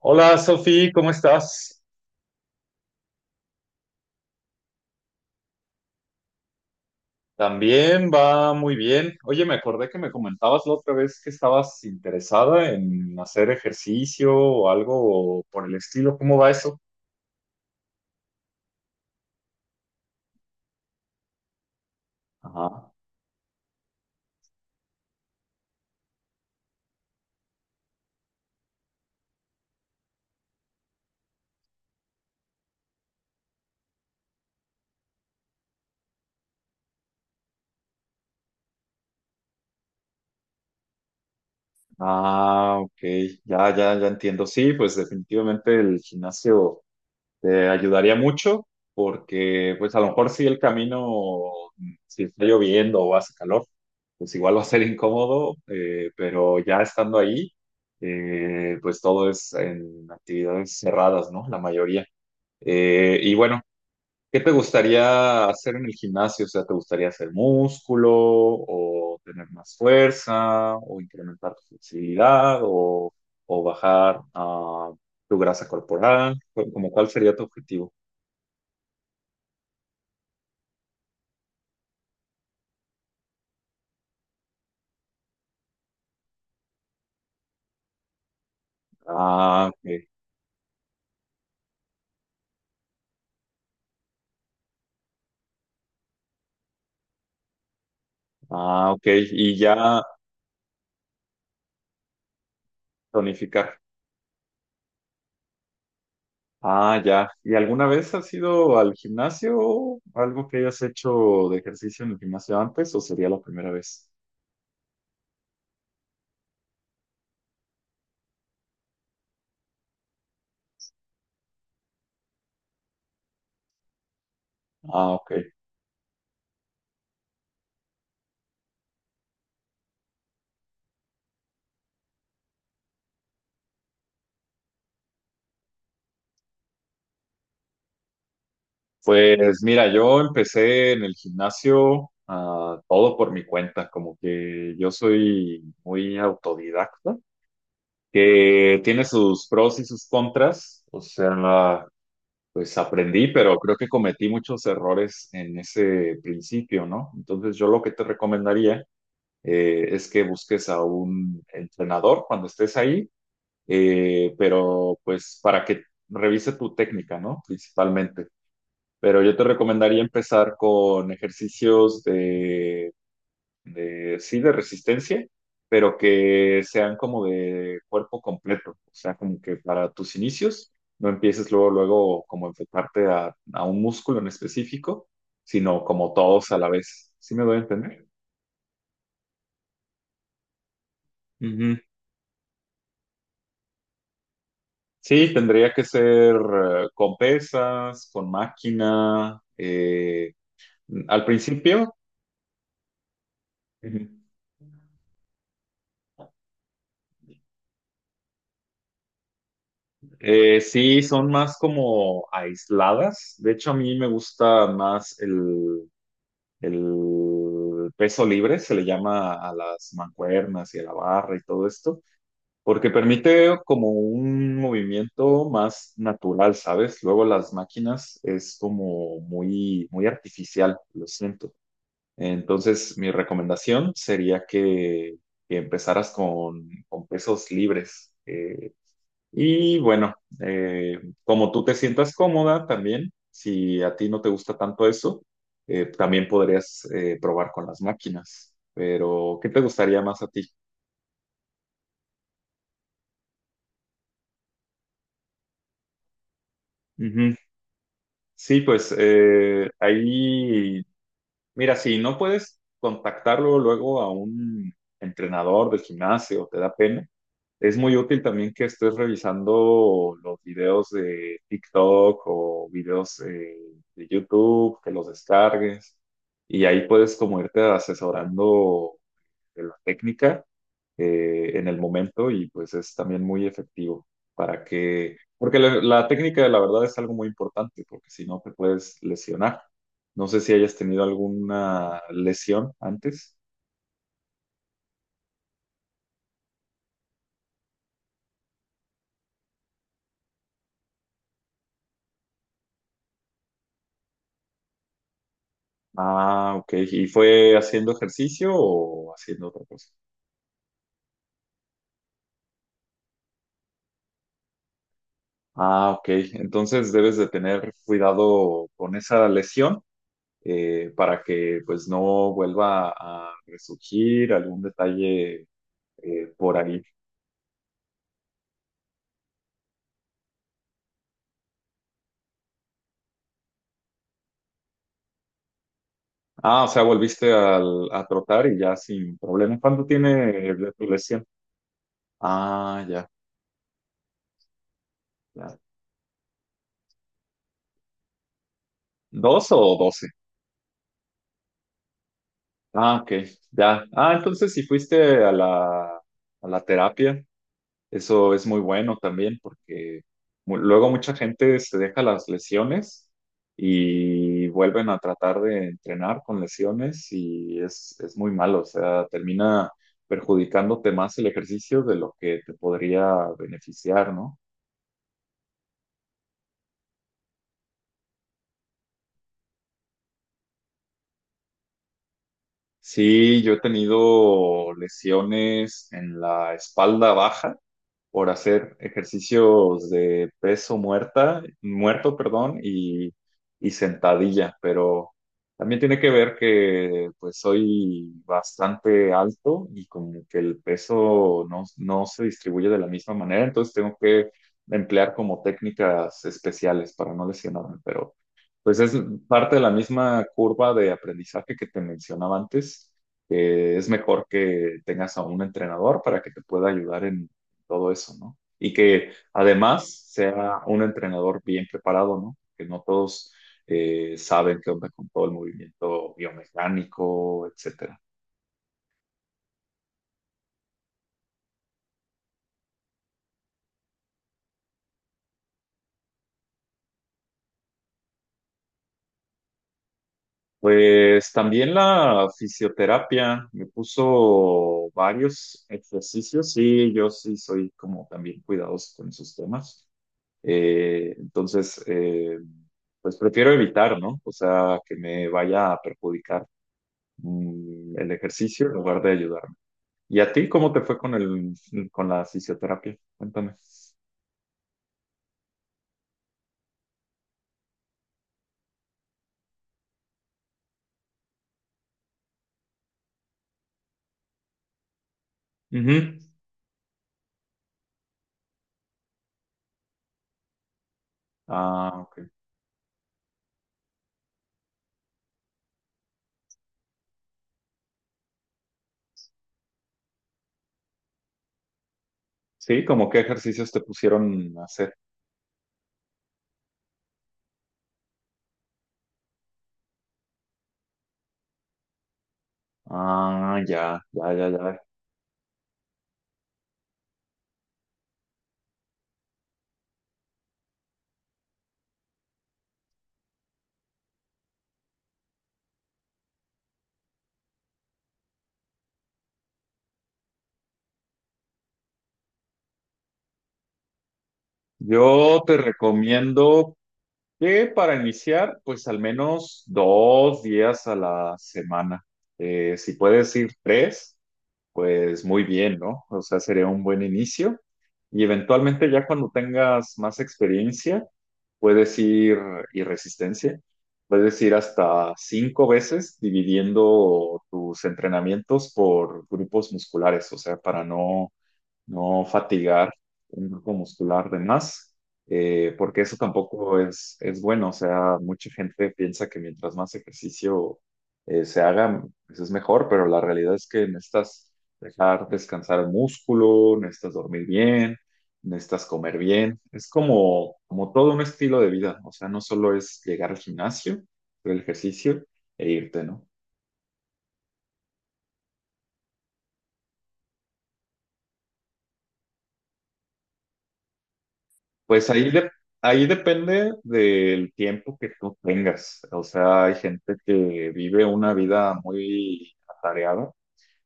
Hola Sofi, ¿cómo estás? También va muy bien. Oye, me acordé que me comentabas la otra vez que estabas interesada en hacer ejercicio o algo por el estilo. ¿Cómo va eso? Ajá. Ah, ok. Ya, ya, ya entiendo. Sí, pues definitivamente el gimnasio. Te ayudaría mucho porque, pues, a lo mejor si el camino, si está lloviendo o hace calor, pues igual va a ser incómodo, pero ya estando ahí, pues todo es en actividades cerradas, ¿no? La mayoría. Y bueno, ¿Qué te gustaría hacer en el gimnasio? O sea, ¿te gustaría hacer músculo o tener más fuerza o incrementar tu flexibilidad o bajar, tu grasa corporal? ¿Como cuál sería tu objetivo? Ah, ok. Ah, ok. Y ya tonificar. Ah, ya. ¿Y alguna vez has ido al gimnasio? ¿Algo que hayas hecho de ejercicio en el gimnasio antes o sería la primera vez? Ah, ok. Pues mira, yo empecé en el gimnasio todo por mi cuenta, como que yo soy muy autodidacta, que tiene sus pros y sus contras. O sea, pues aprendí, pero creo que cometí muchos errores en ese principio, ¿no? Entonces yo lo que te recomendaría es que busques a un entrenador cuando estés ahí, pero pues para que revise tu técnica, ¿no? Principalmente. Pero yo te recomendaría empezar con ejercicios de, sí, de resistencia, pero que sean como de cuerpo completo. O sea, como que para tus inicios no empieces luego, luego como enfocarte a un músculo en específico, sino como todos a la vez. ¿Sí me doy a entender? Ujú. Sí, tendría que ser con pesas, con máquina, al principio. Ujú. Sí, son más como aisladas. De hecho, a mí me gusta más el peso libre se le llama a las mancuernas y a la barra y todo esto, porque permite como un movimiento más natural, ¿sabes? Luego las máquinas es como muy, muy artificial, lo siento. Entonces, mi recomendación sería que empezaras con pesos libres. Y bueno, eh, como tú te sientas cómoda también, si a ti no te gusta tanto eso, también podrías probar con las máquinas. Pero, ¿qué te gustaría más a ti? Ujú. Sí, pues ahí. Mira, si no puedes contactarlo luego a un entrenador del gimnasio, te da pena. Es muy útil también que estés revisando los videos de TikTok o videos de YouTube, que los descargues y ahí puedes como irte asesorando de la técnica en el momento y pues es también muy efectivo porque la técnica la verdad es algo muy importante porque si no te puedes lesionar. No sé si hayas tenido alguna lesión antes. Ah, ok. ¿Y fue haciendo ejercicio o haciendo otra cosa? Ah, ok. Entonces debes de tener cuidado con esa lesión para que pues no vuelva a resurgir algún detalle por ahí. Ah, o sea, volviste a trotar y ya sin problema. ¿Cuánto tiene de tu lesión? Ah, ya, ya. ¿Dos o doce? Ah, ok, ya. Ah, entonces si fuiste a la terapia, eso es muy bueno también porque luego mucha gente se deja las lesiones y vuelven a tratar de entrenar con lesiones y es muy malo, o sea, termina perjudicándote más el ejercicio de lo que te podría beneficiar, ¿no? Sí, yo he tenido lesiones en la espalda baja por hacer ejercicios de peso muerto, perdón, y sentadilla, pero también tiene que ver que pues soy bastante alto y como que el peso no se distribuye de la misma manera, entonces tengo que emplear como técnicas especiales para no lesionarme, pero pues es parte de la misma curva de aprendizaje que te mencionaba antes. Que es mejor que tengas a un entrenador para que te pueda ayudar en todo eso, ¿no? Y que además sea un entrenador bien preparado, ¿no? Que no todos saben qué onda con todo el movimiento biomecánico, etcétera. Pues también la fisioterapia me puso varios ejercicios y yo sí soy como también cuidadoso con esos temas. Entonces, pues prefiero evitar, ¿no? O sea, que me vaya a perjudicar, el ejercicio en lugar de ayudarme. ¿Y a ti cómo te fue con la fisioterapia? Cuéntame. Ujú. Ah, ok. Sí. ¿Como qué ejercicios te pusieron a hacer? Ah, ya, ya, ya, ya. Yo te recomiendo que para iniciar, pues al menos 2 días a la semana. Si puedes ir tres, pues muy bien, ¿no? O sea, sería un buen inicio. Y eventualmente ya cuando tengas más experiencia, puedes ir, y resistencia, puedes ir hasta 5 veces dividiendo tus entrenamientos por grupos musculares, o sea, para no no fatigar un grupo muscular de más, porque eso tampoco es bueno. O sea, mucha gente piensa que mientras más ejercicio se haga, pues es mejor, pero la realidad es que necesitas dejar descansar el músculo, necesitas dormir bien, necesitas comer bien. Es como todo un estilo de vida. O sea, no solo es llegar al gimnasio, hacer el ejercicio e irte, ¿no? Pues ahí, ahí depende del tiempo que tú tengas. O sea, hay gente que vive una vida muy atareada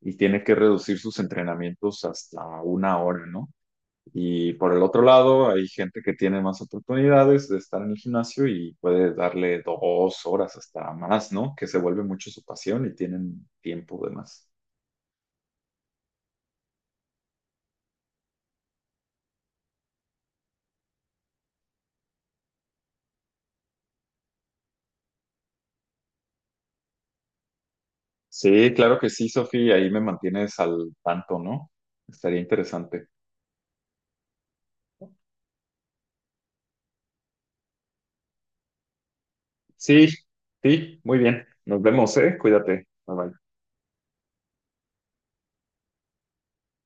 y tiene que reducir sus entrenamientos hasta 1 hora, ¿no? Y por el otro lado, hay gente que tiene más oportunidades de estar en el gimnasio y puede darle 2 horas hasta más, ¿no? Que se vuelve mucho su pasión y tienen tiempo de más. Sí, claro que sí, Sofía, ahí me mantienes al tanto, ¿no? Estaría interesante. Sí, sí, muy bien. Nos vemos, ¿eh? Cuídate. Bye bye.